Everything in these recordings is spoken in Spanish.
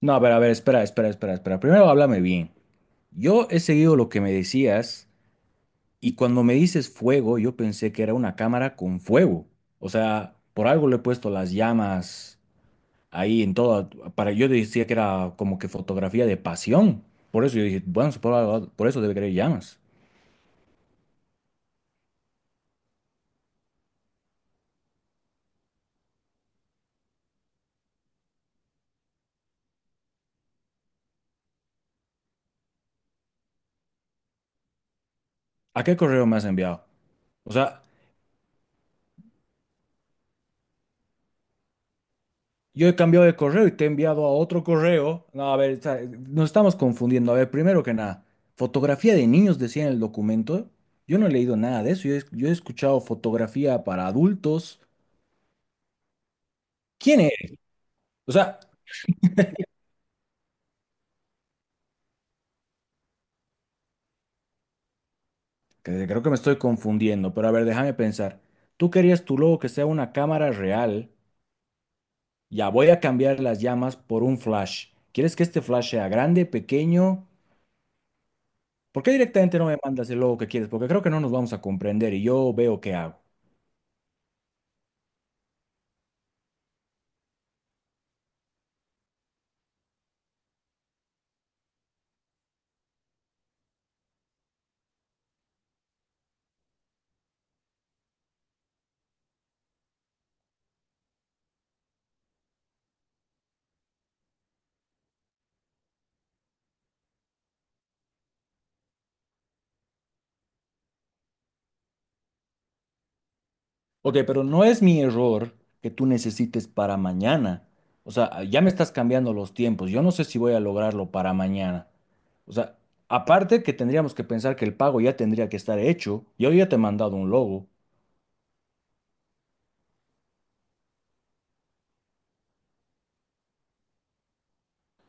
No, pero a ver, espera, espera, espera, espera. Primero háblame bien. Yo he seguido lo que me decías y cuando me dices fuego, yo pensé que era una cámara con fuego. O sea, por algo le he puesto las llamas ahí en toda, para yo decía que era como que fotografía de pasión. Por eso yo dije, bueno, por eso debe querer llamas. ¿A qué correo me has enviado? O sea, yo he cambiado de correo y te he enviado a otro correo. No, a ver, o sea, nos estamos confundiendo. A ver, primero que nada, fotografía de niños decía en el documento. Yo no he leído nada de eso. Yo he escuchado fotografía para adultos. ¿Quién es? O sea, creo que me estoy confundiendo, pero a ver, déjame pensar. Tú querías tu logo que sea una cámara real. Ya voy a cambiar las llamas por un flash. ¿Quieres que este flash sea grande, pequeño? ¿Por qué directamente no me mandas el logo que quieres? Porque creo que no nos vamos a comprender y yo veo qué hago. Ok, pero no es mi error que tú necesites para mañana. O sea, ya me estás cambiando los tiempos. Yo no sé si voy a lograrlo para mañana. O sea, aparte que tendríamos que pensar que el pago ya tendría que estar hecho. Yo ya te he mandado un logo.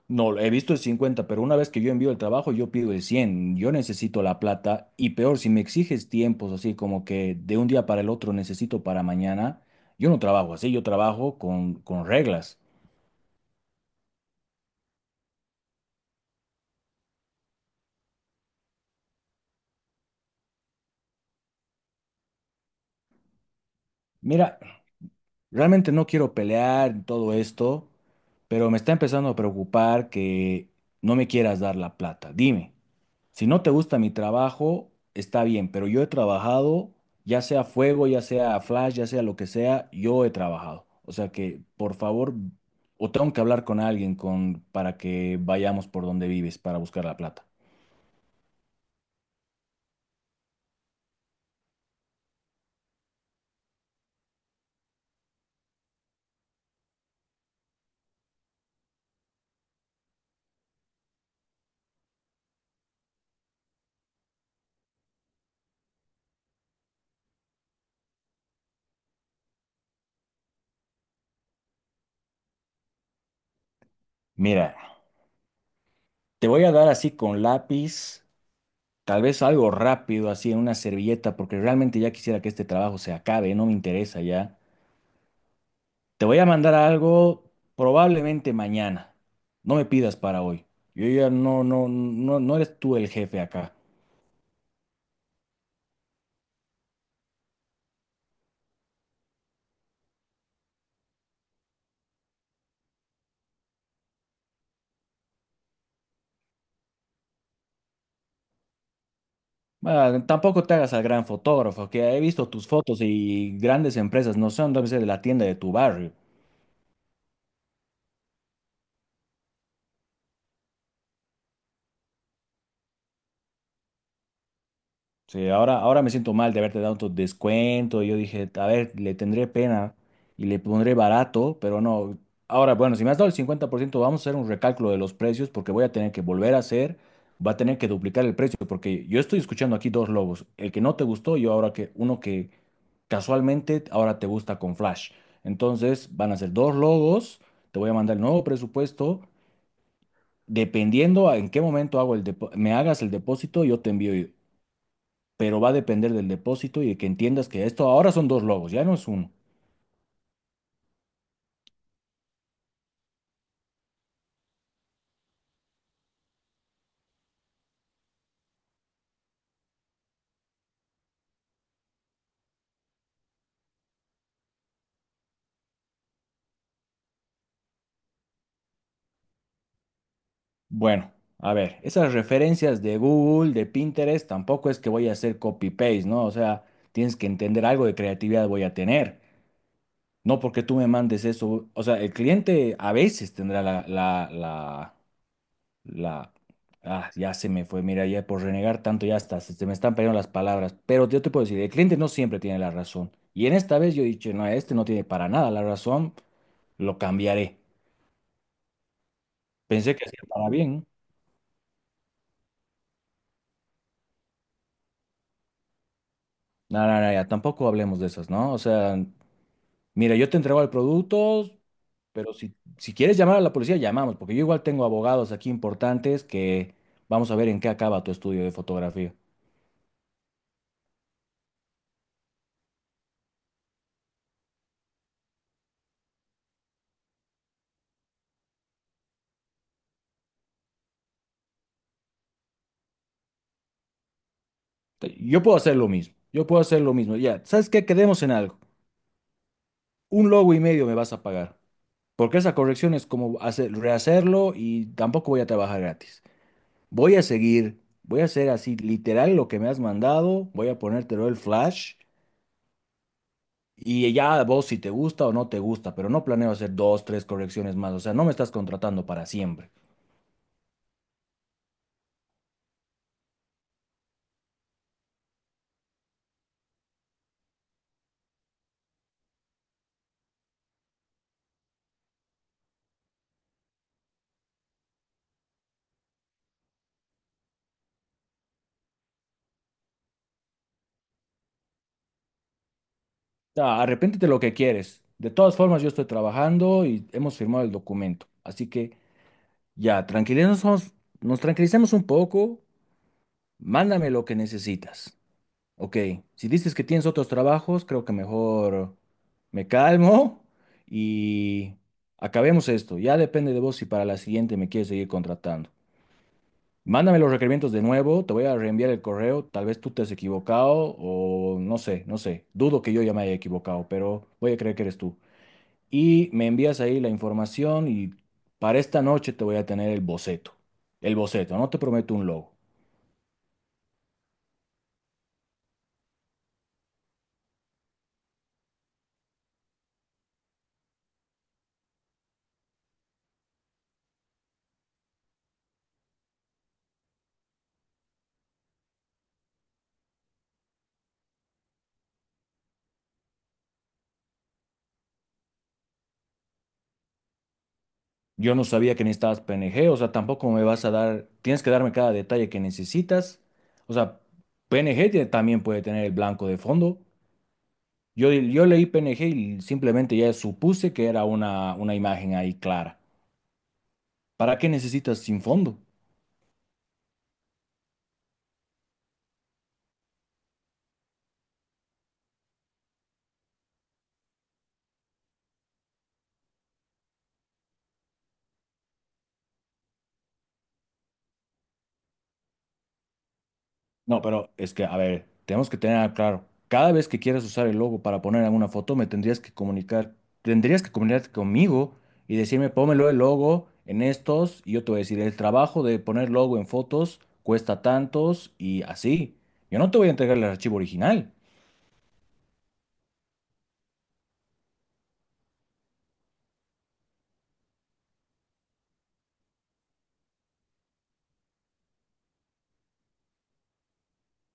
No, he visto el 50, pero una vez que yo envío el trabajo, yo pido el 100. Yo necesito la plata. Y peor, si me exiges tiempos así como que de un día para el otro necesito para mañana, yo no trabajo así, yo trabajo con reglas. Mira, realmente no quiero pelear y todo esto, pero me está empezando a preocupar que no me quieras dar la plata. Dime, si no te gusta mi trabajo, está bien, pero yo he trabajado, ya sea fuego, ya sea flash, ya sea lo que sea, yo he trabajado. O sea que, por favor, o tengo que hablar con alguien con, para que vayamos por donde vives para buscar la plata. Mira, te voy a dar así con lápiz. Tal vez algo rápido, así en una servilleta, porque realmente ya quisiera que este trabajo se acabe, no me interesa ya. Te voy a mandar algo probablemente mañana. No me pidas para hoy. Yo ya no, no, no, no eres tú el jefe acá. Ah, tampoco te hagas al gran fotógrafo, que he visto tus fotos y grandes empresas no son, debe ser de la tienda de tu barrio. Sí, ahora, ahora me siento mal de haberte dado tu descuento. Yo dije, a ver, le tendré pena y le pondré barato, pero no. Ahora, bueno, si me has dado el 50%, vamos a hacer un recálculo de los precios porque voy a tener que volver a hacer, va a tener que duplicar el precio porque yo estoy escuchando aquí dos logos, el que no te gustó y ahora que uno que casualmente ahora te gusta con flash. Entonces, van a ser dos logos, te voy a mandar el nuevo presupuesto. Dependiendo a en qué momento hago me hagas el depósito, yo te envío pero va a depender del depósito y de que entiendas que esto ahora son dos logos, ya no es uno. Bueno, a ver, esas referencias de Google, de Pinterest, tampoco es que voy a hacer copy-paste, ¿no? O sea, tienes que entender algo de creatividad voy a tener. No porque tú me mandes eso. O sea, el cliente a veces tendrá la. Ah, ya se me fue, mira, ya por renegar tanto ya está, se me están perdiendo las palabras. Pero yo te puedo decir, el cliente no siempre tiene la razón. Y en esta vez yo he dicho, no, este no tiene para nada la razón, lo cambiaré. Pensé que hacía para bien. No, no, no, ya, tampoco hablemos de esas, ¿no? O sea, mira, yo te entrego el producto, pero si quieres llamar a la policía, llamamos, porque yo igual tengo abogados aquí importantes que vamos a ver en qué acaba tu estudio de fotografía. Yo puedo hacer lo mismo, yo puedo hacer lo mismo. Ya, ¿sabes qué? Quedemos en algo. Un logo y medio me vas a pagar, porque esa corrección es como hacer, rehacerlo y tampoco voy a trabajar gratis. Voy a seguir, voy a hacer así literal lo que me has mandado, voy a ponértelo el flash. Y ya vos si te gusta o no te gusta, pero no planeo hacer dos, tres correcciones más. O sea, no me estás contratando para siempre. O sea, arrepéntete lo que quieres. De todas formas, yo estoy trabajando y hemos firmado el documento. Así que ya, nos tranquilicemos un poco. Mándame lo que necesitas. Ok, si dices que tienes otros trabajos, creo que mejor me calmo y acabemos esto. Ya depende de vos si para la siguiente me quieres seguir contratando. Mándame los requerimientos de nuevo, te voy a reenviar el correo, tal vez tú te has equivocado o no sé, no sé, dudo que yo ya me haya equivocado, pero voy a creer que eres tú. Y me envías ahí la información y para esta noche te voy a tener el boceto, no te prometo un logo. Yo no sabía que necesitabas PNG, o sea, tampoco me vas a dar, tienes que darme cada detalle que necesitas. O sea, PNG también puede tener el blanco de fondo. Yo leí PNG y simplemente ya supuse que era una imagen ahí clara. ¿Para qué necesitas sin fondo? No, pero es que, a ver, tenemos que tener claro, cada vez que quieras usar el logo para poner alguna foto, me tendrías que comunicar, tendrías que comunicarte conmigo y decirme, pónmelo el logo en estos, y yo te voy a decir, el trabajo de poner logo en fotos cuesta tantos y así. Yo no te voy a entregar el archivo original.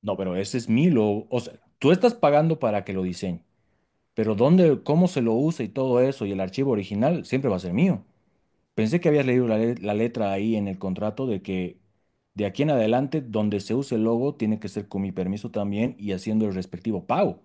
No, pero ese es mi logo. O sea, tú estás pagando para que lo diseñe, pero dónde, cómo se lo usa y todo eso y el archivo original siempre va a ser mío. Pensé que habías leído la letra ahí en el contrato de que de aquí en adelante, donde se use el logo, tiene que ser con mi permiso también y haciendo el respectivo pago.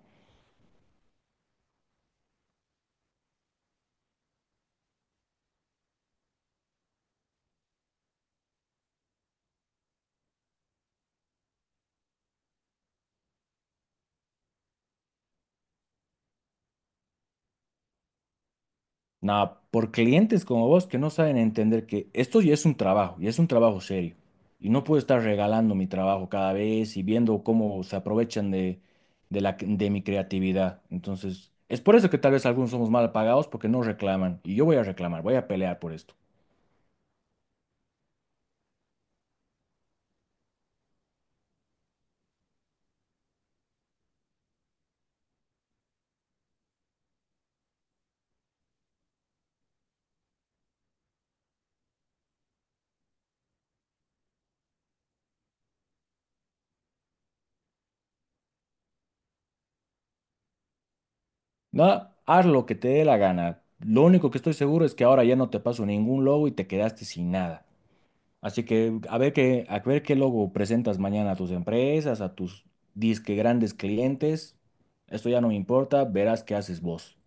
Nada, por clientes como vos que no saben entender que esto ya es un trabajo, y es un trabajo serio. Y no puedo estar regalando mi trabajo cada vez y viendo cómo se aprovechan de mi creatividad. Entonces, es por eso que tal vez algunos somos mal pagados porque no reclaman. Y yo voy a reclamar, voy a pelear por esto. No, haz lo que te dé la gana. Lo único que estoy seguro es que ahora ya no te paso ningún logo y te quedaste sin nada. Así que a ver qué logo presentas mañana a tus empresas, a tus disque grandes clientes. Esto ya no me importa, verás qué haces vos.